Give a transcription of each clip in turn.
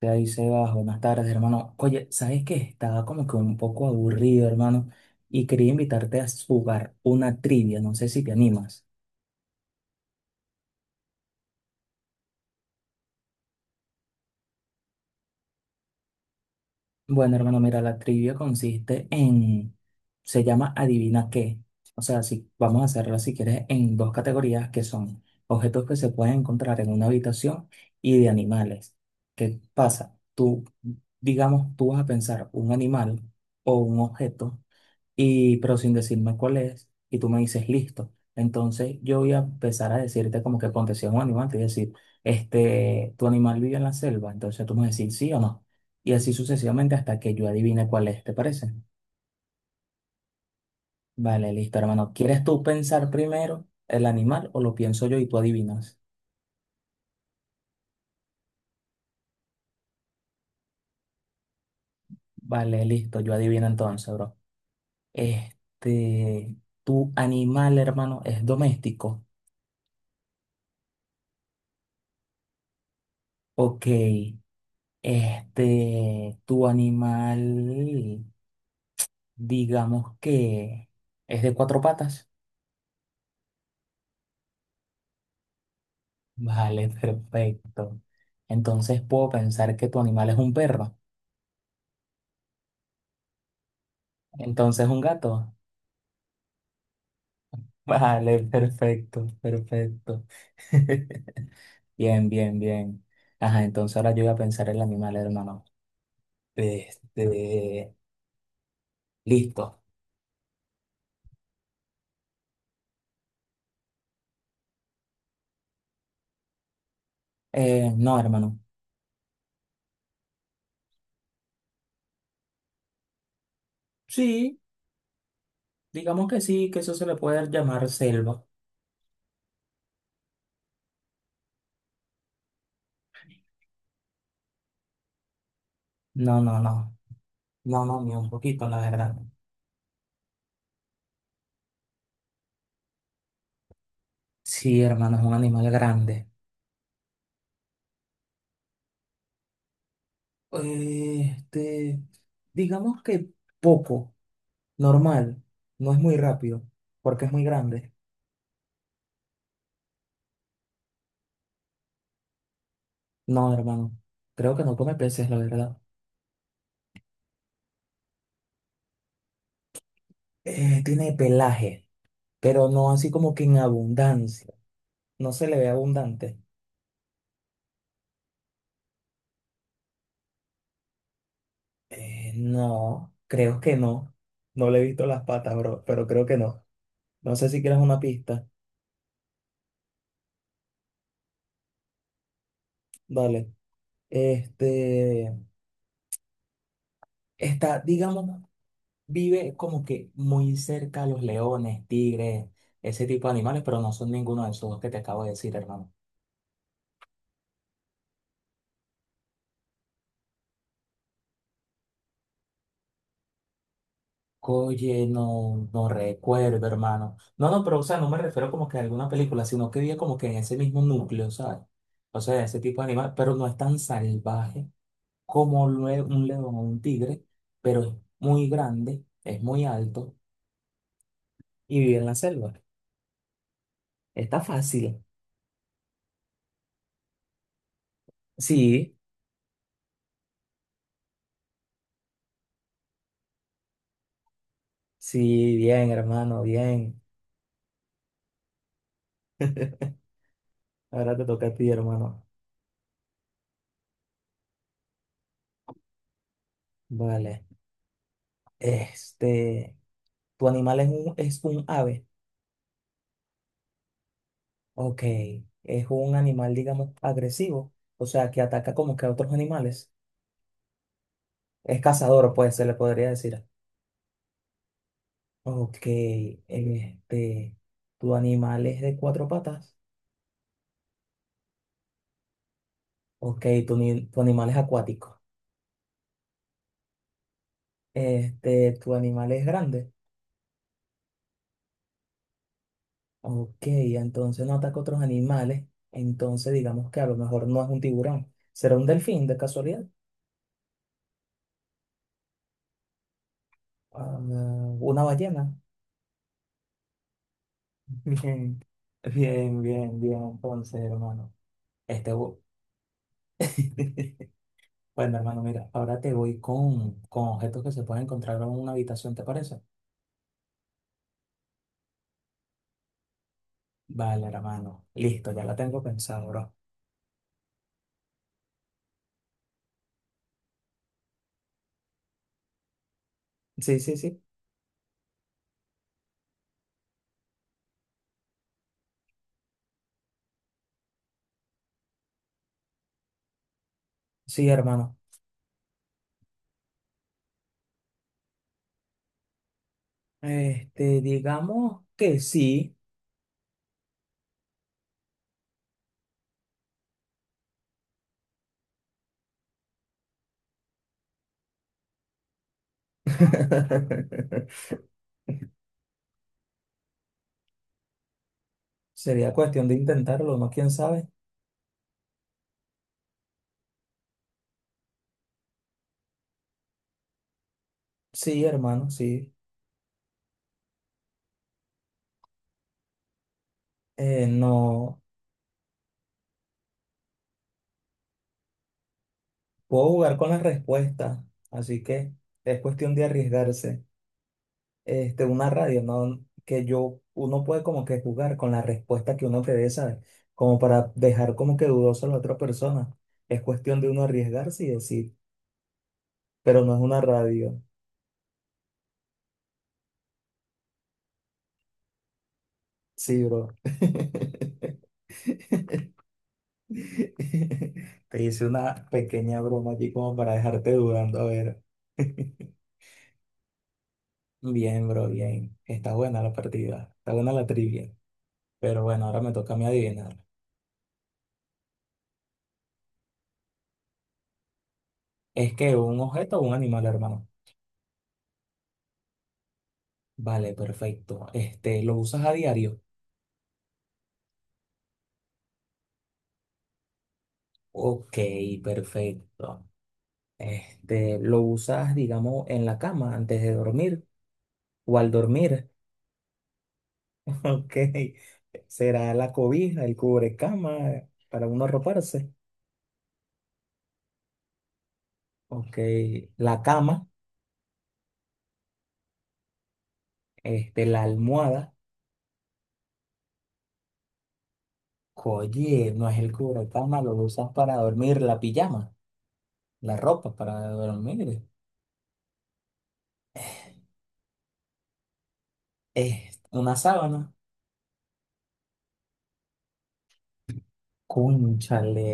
Te dice bajo, buenas tardes, hermano. Oye, ¿sabes qué? Estaba como que un poco aburrido, hermano, y quería invitarte a jugar una trivia, no sé si te animas. Bueno, hermano, mira, la trivia consiste en, se llama Adivina qué. O sea, si vamos a hacerla si quieres en dos categorías que son objetos que se pueden encontrar en una habitación y de animales. ¿Qué pasa? Tú, digamos, tú vas a pensar un animal o un objeto y pero sin decirme cuál es, y tú me dices listo. Entonces yo voy a empezar a decirte como que ponte si es un animal, te voy a decir, tu animal vive en la selva, entonces tú me vas a decir sí o no. Y así sucesivamente hasta que yo adivine cuál es, ¿te parece? Vale, listo, hermano. ¿Quieres tú pensar primero el animal o lo pienso yo y tú adivinas? Vale, listo, yo adivino entonces, bro. Este, tu animal, hermano, es doméstico. Ok. Este, tu animal. Digamos que es de cuatro patas. Vale, perfecto. Entonces puedo pensar que tu animal es un perro. Entonces un gato. Vale, perfecto, perfecto. Bien, bien, bien. Ajá, entonces ahora yo voy a pensar el animal, hermano. Este, listo. No, hermano. Sí, digamos que sí, que eso se le puede llamar selva. No, no, no. No, no, ni un poquito, la verdad. Sí, hermano, es un animal grande. Este, digamos que poco, normal, no es muy rápido, porque es muy grande. No, hermano, creo que no come peces, la verdad. Tiene pelaje, pero no así como que en abundancia. No se le ve abundante. No, creo que no. No le he visto las patas, bro, pero creo que no. No sé si quieres una pista. Dale. Este, está, digamos, vive como que muy cerca a los leones, tigres, ese tipo de animales, pero no son ninguno de esos dos que te acabo de decir, hermano. Oye, no, no recuerdo, hermano. No, no, pero o sea, no me refiero como que a alguna película, sino que vive como que en ese mismo núcleo, ¿sabes? O sea, ese tipo de animal, pero no es tan salvaje como un león o un tigre, pero es muy grande, es muy alto y vive en la selva. Está fácil. Sí, sí, bien, hermano, bien. Ahora te toca a ti, hermano. Vale. Este, ¿tu animal es un ave? Ok. Es un animal, digamos, agresivo. O sea, que ataca como que a otros animales. Es cazador, pues, se le podría decir. Ok. Este, ¿tu animal es de cuatro patas? Ok. ¿Tu, tu animal es acuático? Este, ¿tu animal es grande? Ok. Entonces no ataca a otros animales. Entonces digamos que a lo mejor no es un tiburón. ¿Será un delfín de casualidad? Ah, ¿una ballena? Bien, bien, bien, bien, entonces, hermano. Este, bu- bueno, hermano, mira, ahora te voy con objetos que se pueden encontrar en una habitación, ¿te parece? Vale, hermano, listo, ya la tengo pensado, bro. Sí, sí, sí, sí, hermano. Este, digamos que sí. Sería cuestión de intentarlo, ¿no? ¿Quién sabe? Sí, hermano, sí. No puedo jugar con las respuestas, así que es cuestión de arriesgarse. Este, una radio, ¿no? Que yo, uno puede como que jugar con la respuesta que uno te dé, ¿sabes? Como para dejar como que dudoso a la otra persona. Es cuestión de uno arriesgarse y decir, pero no es una radio. Sí, bro. Te hice una pequeña broma aquí como para dejarte dudando, a ver. Bien, bro, bien. Está buena la partida, está buena la trivia. Pero bueno, ahora me toca a mí adivinar. ¿Es que un objeto o un animal, hermano? Vale, perfecto. Este, ¿lo usas a diario? Ok, perfecto. Este, ¿lo usas, digamos, en la cama antes de dormir o al dormir? Ok. ¿Será la cobija, el cubrecama para uno arroparse? Ok. La cama, este, la almohada. Oye, no es el cubrecama, lo usas para dormir, la pijama, la ropa para dormir. Es una sábana. Cónchale,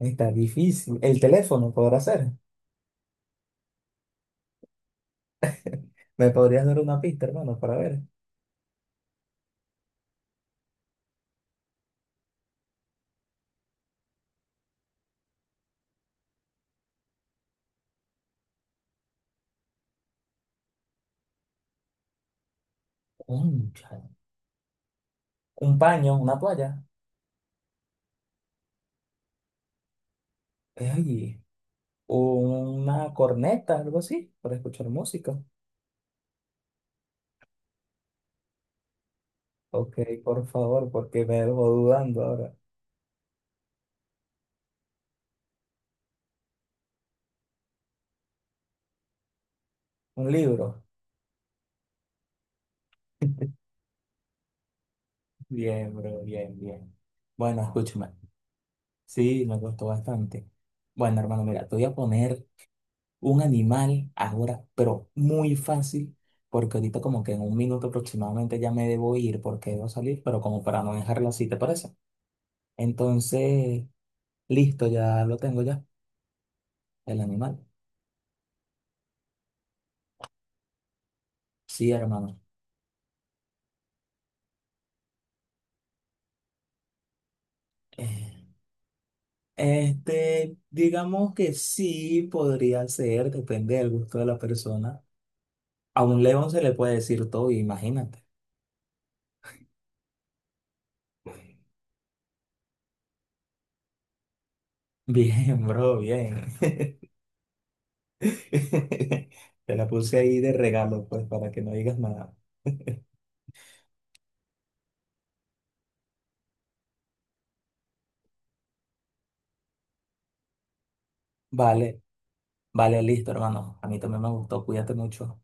está difícil. El teléfono podrá ser. ¿Me podrías dar una pista, hermano, para ver? Cónchale. Un paño, una toalla. Ay, una corneta, algo así, para escuchar música. Ok, por favor, porque me dejo dudando ahora. Un libro. Bien, bro, bien, bien. Bueno, escúchame. Sí, me gustó bastante. Bueno, hermano, mira, te voy a poner un animal ahora, pero muy fácil, porque ahorita como que en un minuto aproximadamente ya me debo ir porque debo salir, pero como para no dejarlo así, ¿te parece? Entonces, listo, ya lo tengo ya, el animal. Sí, hermano. Eh, digamos que sí podría ser, depende del gusto de la persona. A un león se le puede decir todo, imagínate. Bien, bro, bien. Te la puse ahí de regalo, pues, para que no digas nada. Vale, vale, listo, hermano. A mí también me gustó, cuídate mucho.